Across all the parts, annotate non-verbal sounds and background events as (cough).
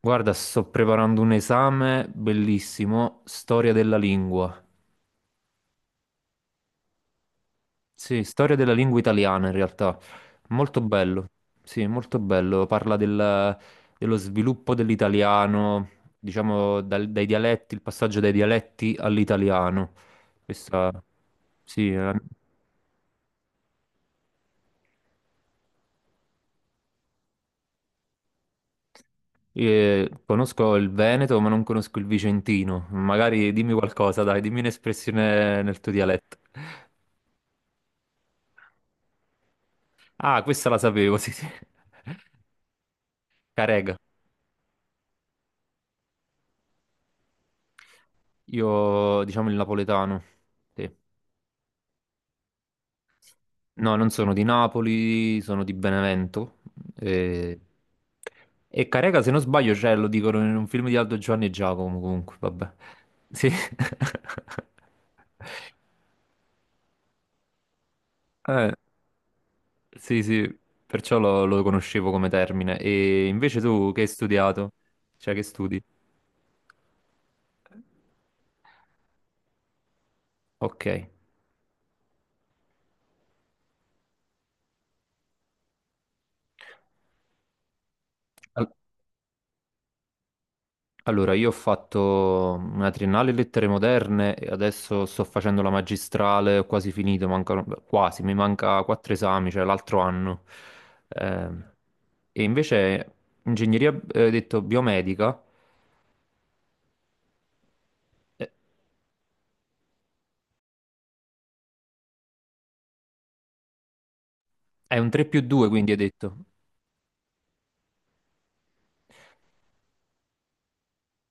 Guarda, sto preparando un esame bellissimo, storia della lingua. Sì, storia della lingua italiana in realtà. Molto bello, sì, molto bello. Parla dello sviluppo dell'italiano, diciamo dai dialetti, il passaggio dai dialetti all'italiano. Questa, sì, conosco il Veneto, ma non conosco il Vicentino. Magari dimmi qualcosa, dai, dimmi un'espressione nel tuo dialetto. Ah, questa la sapevo, sì, sì. Carega. Io, diciamo, il napoletano. Sì. No, non sono di Napoli, sono di Benevento. E, e Carega, se non sbaglio, cioè, lo dicono in un film di Aldo Giovanni e Giacomo, comunque, vabbè. Sì. (laughs) Eh, sì, sì, perciò lo conoscevo come termine. E invece tu che hai studiato? Cioè, che studi? Ok. Allora, io ho fatto una triennale in lettere moderne e adesso sto facendo la magistrale, ho quasi finito, mancano, beh, quasi, mi manca quattro esami, cioè l'altro anno. Ehm, e invece ingegneria, hai detto, biomedica, eh, è un 3 più 2, quindi hai detto.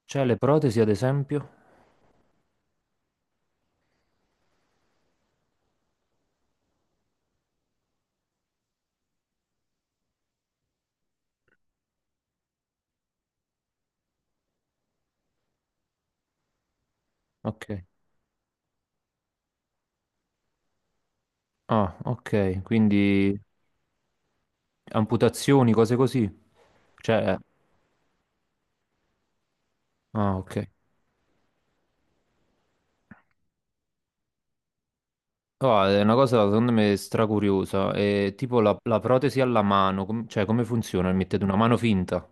Cioè le protesi, ad esempio? Ok. Ah, ok, quindi amputazioni, cose così. Cioè, ah, ok. Oh, è una cosa secondo me stracuriosa, è tipo la protesi alla mano, cioè come funziona? Mettete una mano finta?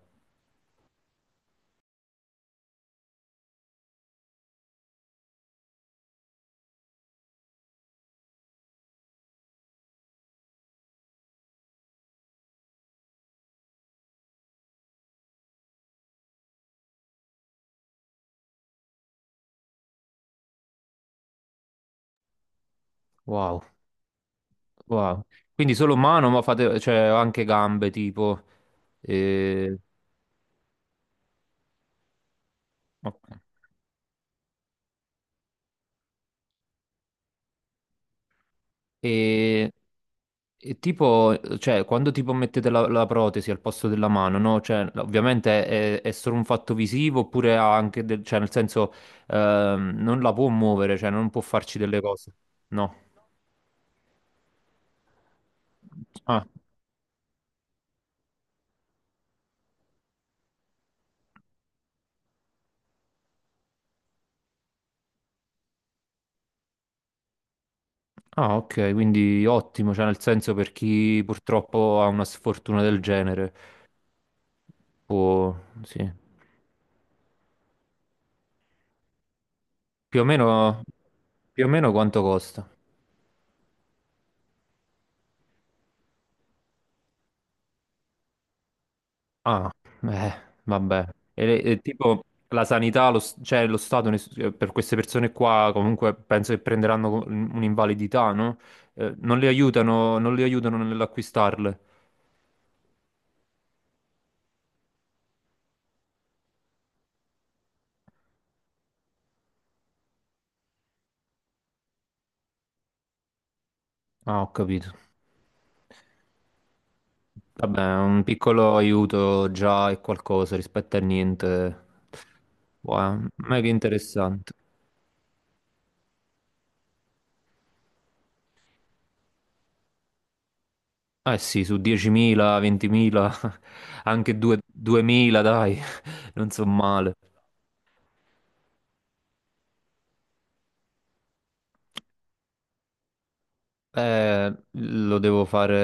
Wow, wow. Quindi solo mano, ma fate, cioè anche gambe tipo... E, ok. E- e tipo, cioè quando tipo mettete la protesi al posto della mano, no? Cioè no, ovviamente è solo un fatto visivo oppure ha anche, cioè nel senso non la può muovere, cioè non può farci delle cose, no? Ah. Ah, ok, quindi ottimo, cioè nel senso per chi purtroppo ha una sfortuna del genere può, sì. Più o meno, più o meno quanto costa? Ah, eh, vabbè. E tipo la sanità, cioè lo Stato per queste persone qua comunque penso che prenderanno un'invalidità, no? Non le aiutano, non le aiutano nell'acquistarle. Ah, ho capito. Vabbè, un piccolo aiuto già è qualcosa rispetto a niente. Wow, mega interessante. Eh sì, su 10.000, 20.000, (laughs) anche 2.000, dai, (laughs) non so male. Lo devo fare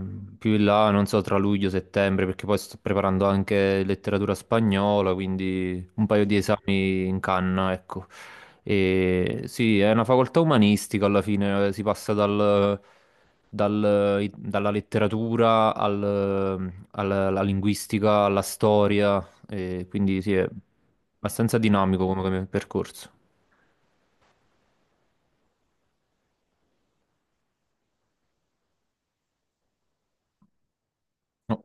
più in là, non so, tra luglio e settembre, perché poi sto preparando anche letteratura spagnola, quindi un paio di esami in canna, ecco. E sì, è una facoltà umanistica alla fine, si passa dalla letteratura alla linguistica, alla storia, e quindi sì, è abbastanza dinamico come percorso. No,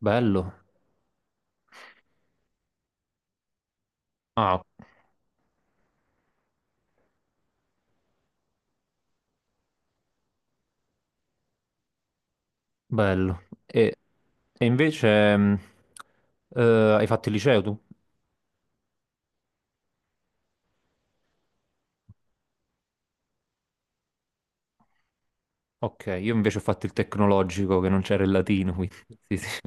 bello. Ah, bello. E invece eh, hai fatto il liceo tu? Ok, io invece ho fatto il tecnologico che non c'era il latino, quindi (laughs) sì, sì.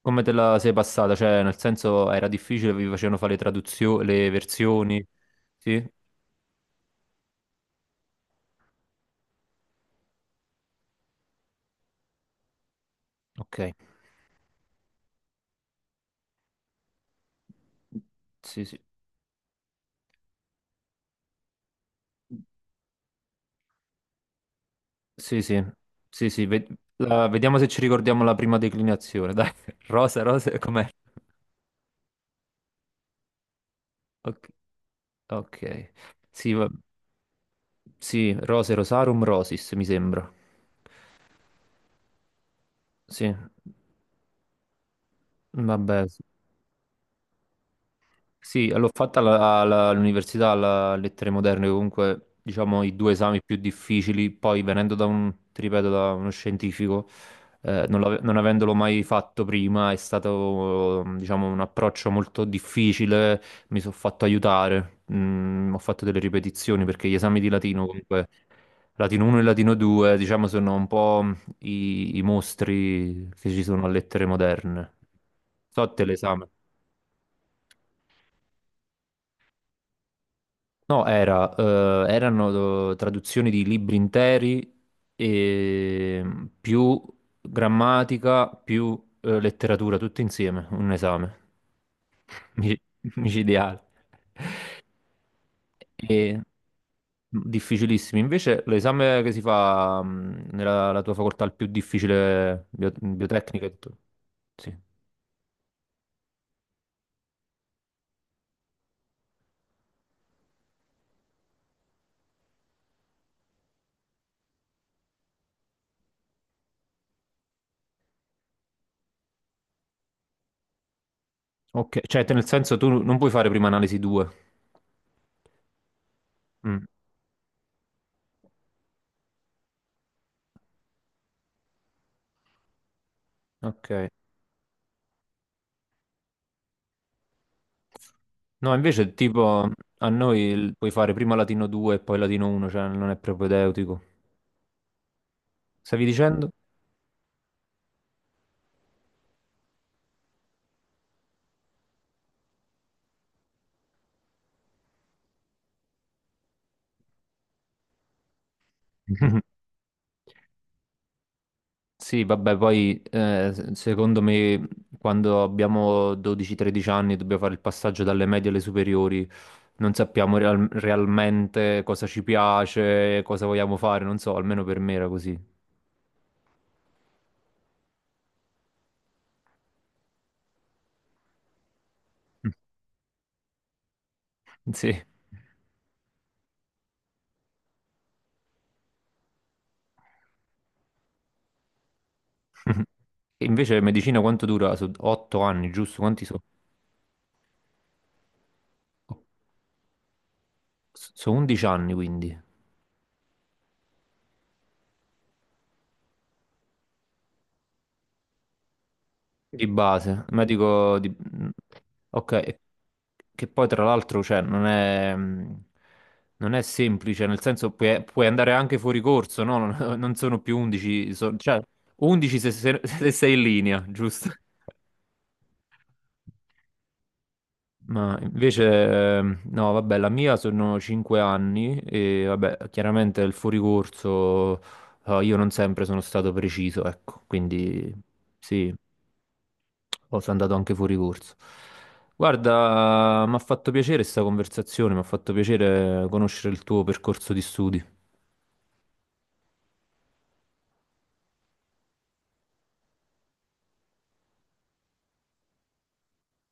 Come te la sei passata? Cioè, nel senso era difficile, vi facevano fare le traduzioni, le versioni? Sì? Ok. Sì, sì. Sì, sì. Sì, sì, vediamo se ci ricordiamo la prima declinazione. Dai, (laughs) rosa, rosa, com'è? Ok. Ok. Sì, va. Sì, Rose Rosarum Rosis, mi sembra. Sì, vabbè. Sì, l'ho fatta all'università, alla Lettere Moderne, comunque diciamo i due esami più difficili, poi venendo da un, ti ripeto, da uno scientifico, non avendolo mai fatto prima, è stato diciamo un approccio molto difficile, mi sono fatto aiutare, ho fatto delle ripetizioni perché gli esami di latino comunque, latino 1 e latino 2, diciamo sono un po' i mostri che ci sono a Lettere Moderne. So te l'esame. No, erano traduzioni di libri interi e più grammatica, più letteratura, tutto insieme, un esame (laughs) Mi- micidiale. E difficilissimi. Invece l'esame che si fa nella la tua facoltà è il più difficile, biotecnica, e tutto. Sì. Ok, cioè nel senso tu non puoi fare prima analisi 2. Mm, ok. No, invece tipo a noi puoi fare prima latino 2 e poi latino 1, cioè non è propedeutico. Stavi dicendo? (laughs) Sì, vabbè, poi secondo me quando abbiamo 12-13 anni e dobbiamo fare il passaggio dalle medie alle superiori, non sappiamo realmente cosa ci piace, cosa vogliamo fare, non so, almeno per me era così. (laughs) Sì. (laughs) E invece medicina quanto dura? Sono 8 anni, giusto? Quanti sono? Sono 11 anni, quindi. Di base, ma dico, ok, che poi tra l'altro cioè, non è semplice, nel senso puoi, puoi andare anche fuori corso, no? Non, (laughs) non sono più 11, cioè 11 se sei in linea, giusto? Ma invece, no, vabbè, la mia sono 5 anni e vabbè, chiaramente il fuoricorso, io non sempre sono stato preciso, ecco, quindi sì. Oh, sono andato anche fuori corso. Guarda, mi ha fatto piacere questa conversazione, mi ha fatto piacere conoscere il tuo percorso di studi.